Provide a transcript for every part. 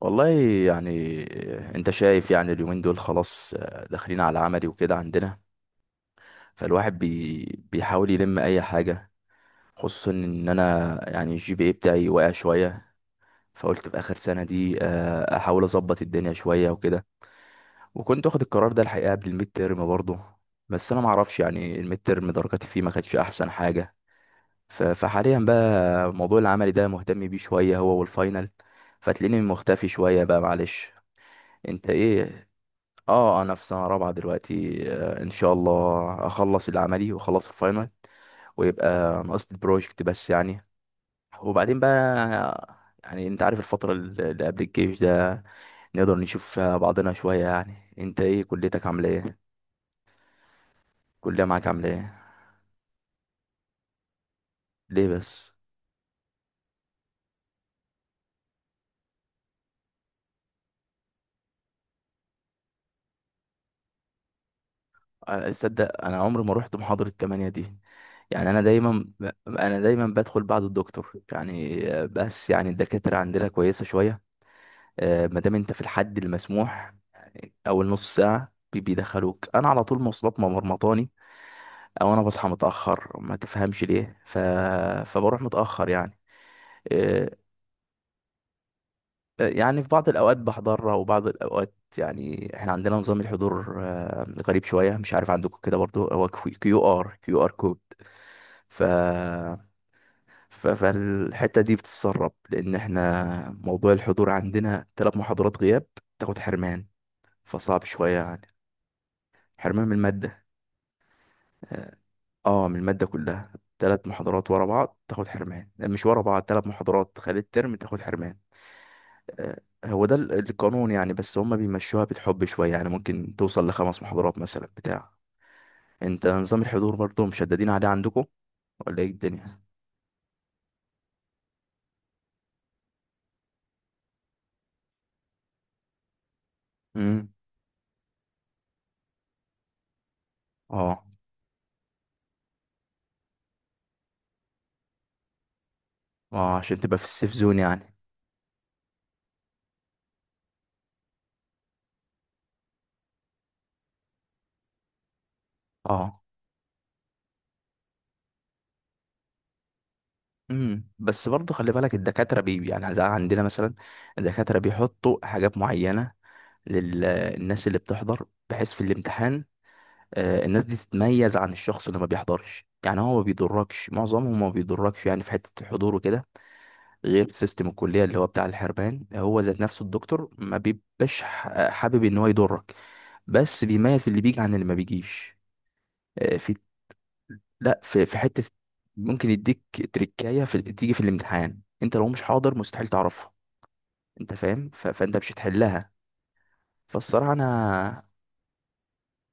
والله. يعني انت شايف، يعني اليومين دول خلاص داخلين على عملي وكده عندنا. فالواحد بيحاول يلم اي حاجة، خصوصا ان انا يعني الجي بي اي بتاعي واقع شوية. فقلت في اخر سنة دي احاول اظبط الدنيا شوية وكده. وكنت واخد القرار ده الحقيقة قبل الميد تيرم برضه، بس انا معرفش يعني الميد تيرم درجاتي فيه ما كانتش احسن حاجة. ف- فحاليا بقى موضوع العملي ده مهتم بيه شوية، هو والفاينل. فتلاقيني مختفي شوية بقى، معلش. انت ايه؟ اه انا في سنه رابعه دلوقتي، ان شاء الله اخلص العملي واخلص الفاينل، ويبقى ناقص البروجكت بس يعني. وبعدين بقى يعني انت عارف الفتره اللي قبل الجيش ده نقدر نشوف فيها بعضنا شويه. يعني انت ايه، كليتك عامله ايه؟ الكليه معاك عامله ايه؟ ليه بس؟ تصدق انا عمري ما رحت محاضره 8 دي. يعني انا دايما بدخل بعد الدكتور يعني، بس يعني الدكاتره عندنا كويسه شويه. ما دام انت في الحد المسموح، اول نص ساعه بيدخلوك. انا على طول مواصلات ما مرمطاني، او انا بصحى متاخر ما تفهمش ليه فبروح متاخر يعني. إيه. يعني في بعض الاوقات بحضرها وبعض الاوقات يعني احنا عندنا نظام الحضور غريب شويه، مش عارف عندكم كده برضو هو. كيو ار كود. ف فالحته دي بتتسرب، لان احنا موضوع الحضور عندنا ثلاث محاضرات غياب تاخد حرمان، فصعب شويه يعني. حرمان من الماده. اه من المادة كلها. ثلاث محاضرات ورا بعض تاخد حرمان، مش ورا بعض، ثلاث محاضرات خلال الترم تاخد حرمان. هو ده القانون يعني، بس هما بيمشوها بالحب شوية، يعني ممكن توصل لخمس محاضرات مثلا بتاع. انت نظام الحضور برضو مشددين عليه عندكم، ولا ايه الدنيا؟ امم اه. اه عشان تبقى في السيف زون يعني. اه. بس برضو خلي بالك الدكاترة يعني زي عندنا مثلا، الدكاترة بيحطوا حاجات معينة للناس اللي بتحضر، بحيث في الامتحان الناس دي تتميز عن الشخص اللي ما بيحضرش. يعني هو ما بيضركش، معظمهم ما بيضركش يعني في حتة الحضور وكده، غير سيستم الكلية اللي هو بتاع الحرمان. هو ذات نفسه الدكتور ما بيبقاش حابب ان هو يضرك، بس بيميز اللي بيجي عن اللي ما بيجيش. في، لا في حتة ممكن يديك تريكاية في، تيجي في الامتحان انت لو مش حاضر مستحيل تعرفها، انت فاهم؟ فانت مش هتحلها. فالصراحة انا.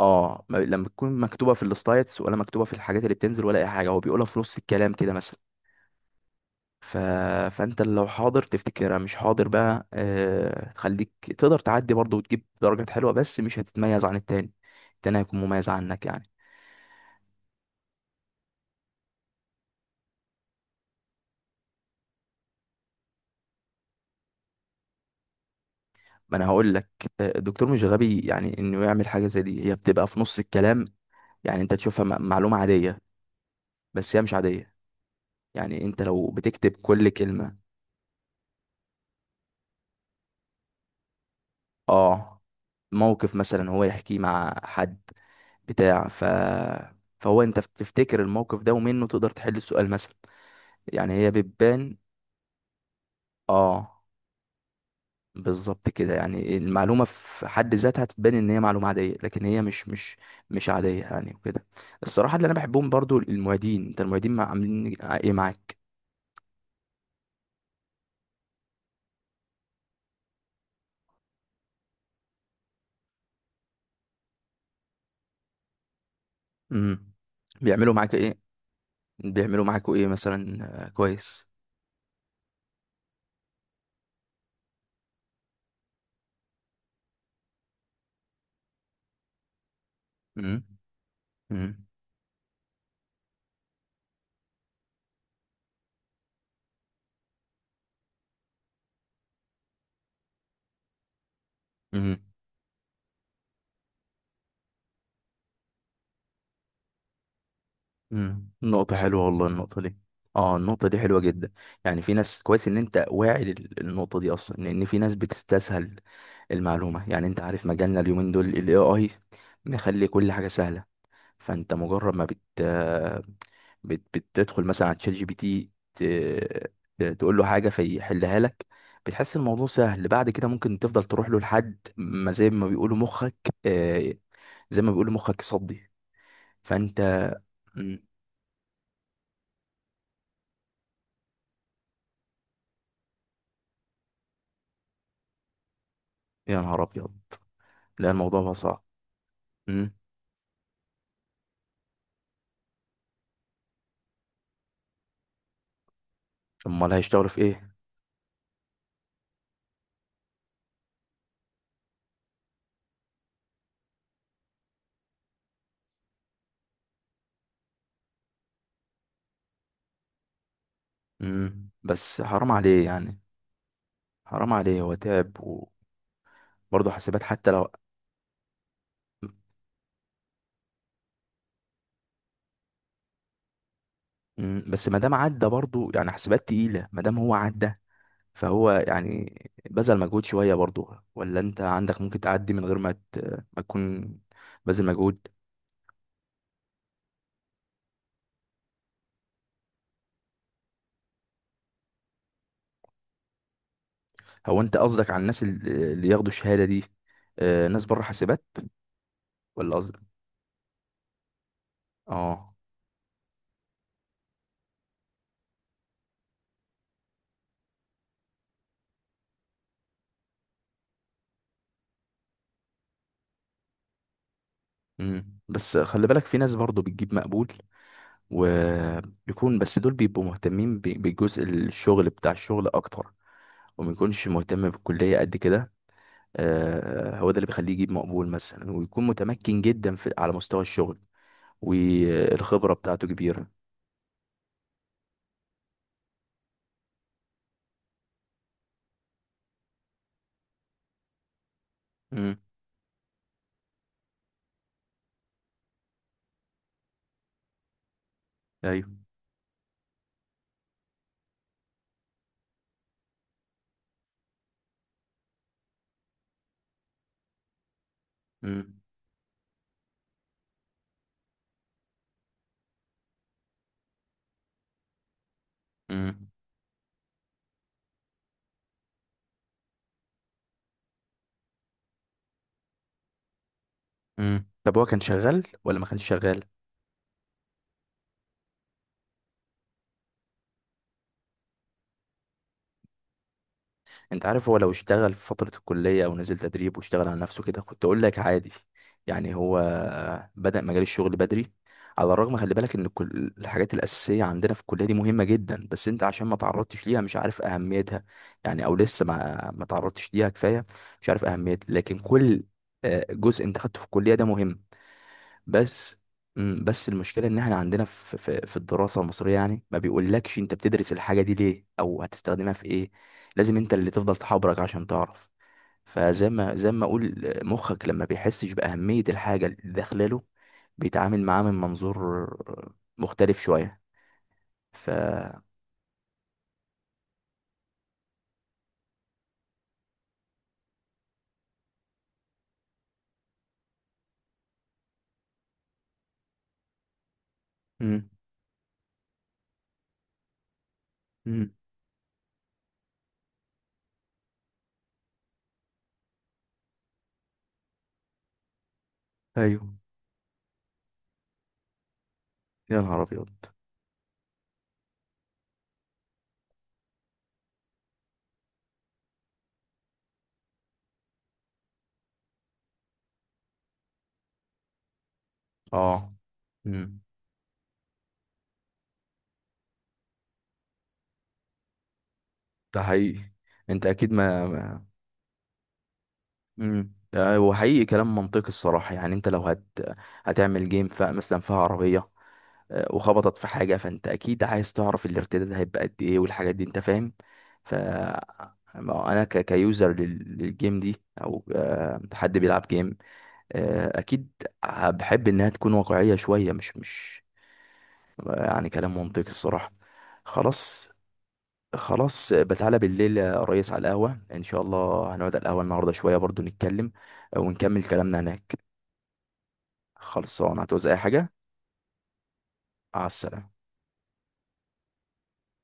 اه لما تكون مكتوبه في السلايدز، ولا مكتوبه في الحاجات اللي بتنزل، ولا اي حاجه هو بيقولها في نص الكلام كده مثلا. ف... فانت لو حاضر تفتكرها، مش حاضر بقى تخليك تقدر تعدي برضه وتجيب درجات حلوه، بس مش هتتميز عن التاني. التاني هيكون مميز عنك يعني. ما انا هقول لك، الدكتور مش غبي يعني انه يعمل حاجه زي دي، هي بتبقى في نص الكلام، يعني انت تشوفها معلومه عاديه، بس هي مش عاديه. يعني انت لو بتكتب كل كلمه. اه موقف مثلا هو يحكيه مع حد بتاع، فهو انت بتفتكر الموقف ده ومنه تقدر تحل السؤال مثلا. يعني هي بتبان. اه بالظبط كده. يعني المعلومة في حد ذاتها تبان ان هي معلومة عادية، لكن هي مش عادية يعني وكده. الصراحة اللي انا بحبهم برضو المعيدين. انت المعيدين عاملين ايه معاك؟ امم بيعملوا معاك ايه؟ بيعملوا معاكوا ايه مثلا؟ كويس. امم امم امم. نقطة حلوة والله النقطة دي. اه النقطة دي حلوة جدا. يعني في ناس، كويس ان انت واعي للنقطة دي اصلا، لان في ناس بتستسهل المعلومة. يعني انت عارف مجالنا اليومين دول ال AI مخلي كل حاجة سهلة. فانت مجرد ما بت بت بتدخل مثلا على تشات جي بي تي، تقول له حاجة فيحلها لك، بتحس الموضوع سهل. بعد كده ممكن تفضل تروح له لحد ما زي ما بيقولوا مخك آه، زي ما بيقولوا مخك صدي. فانت. مم، يا نهار ابيض. لا الموضوع بقى صعب. امم. امال هيشتغلوا في ايه؟ بس حرام عليه يعني. حرام عليه، هو تعب. وبرضه حاسبات حتى لو. بس ما دام عدى برضه، يعني حاسبات تقيلة، ما دام هو عدى فهو يعني بذل مجهود شوية برضه. ولا انت عندك ممكن تعدي من غير ما ما تكون بذل مجهود؟ هو انت قصدك على الناس اللي ياخدوا الشهادة دي، ناس بره حاسبات، ولا قصدك؟ اه. بس خلي بالك في ناس برضه بتجيب مقبول، ويكون بس دول بيبقوا مهتمين بالجزء الشغل بتاع الشغل اكتر، وما يكونش مهتم بالكلية قد كده. هو ده اللي بيخليه يجيب مقبول مثلا، ويكون متمكن جدا في على مستوى الشغل، والخبرة بتاعته كبيرة. امم. ايوه. امم امم امم. طب هو كان شغال ولا ما كانش شغال؟ انت عارف هو لو اشتغل في فترة الكلية، او نزل تدريب واشتغل على نفسه كده، كنت اقول لك عادي، يعني هو بدأ مجال الشغل بدري. على الرغم، خلي بالك ان كل الحاجات الأساسية عندنا في الكلية دي مهمة جدا، بس انت عشان ما تعرضتش ليها مش عارف أهميتها. يعني او لسه ما تعرضتش ليها كفاية، مش عارف أهميتها. لكن كل جزء انت خدته في الكلية ده مهم. بس بس المشكله ان احنا عندنا في الدراسه المصريه يعني ما بيقولكش انت بتدرس الحاجه دي ليه، او هتستخدمها في ايه. لازم انت اللي تفضل تحبرك عشان تعرف. فزي ما زي ما اقول مخك لما بيحسش باهميه الحاجه اللي داخله له، بيتعامل معاها من منظور مختلف شويه. ف. مم. مم. ايوه. يا نهار ابيض. اه. مم. ده حقيقي. انت اكيد ما. امم. وحقيقي كلام منطقي الصراحة. يعني انت لو هتعمل جيم مثلا فيها عربية وخبطت في حاجة، فانت اكيد عايز تعرف الارتداد هيبقى قد ايه، والحاجات دي انت فاهم. ف. ما انا كيوزر للجيم دي، او حد بيلعب جيم، اكيد بحب انها تكون واقعية شوية، مش مش يعني كلام منطقي الصراحة. خلاص. خلاص بتعالى بالليل يا ريس على القهوة، إن شاء الله هنقعد على القهوة النهاردة شوية برضو نتكلم، ونكمل كلامنا هناك. خلصان، هتعوز أي حاجة؟ مع السلامة.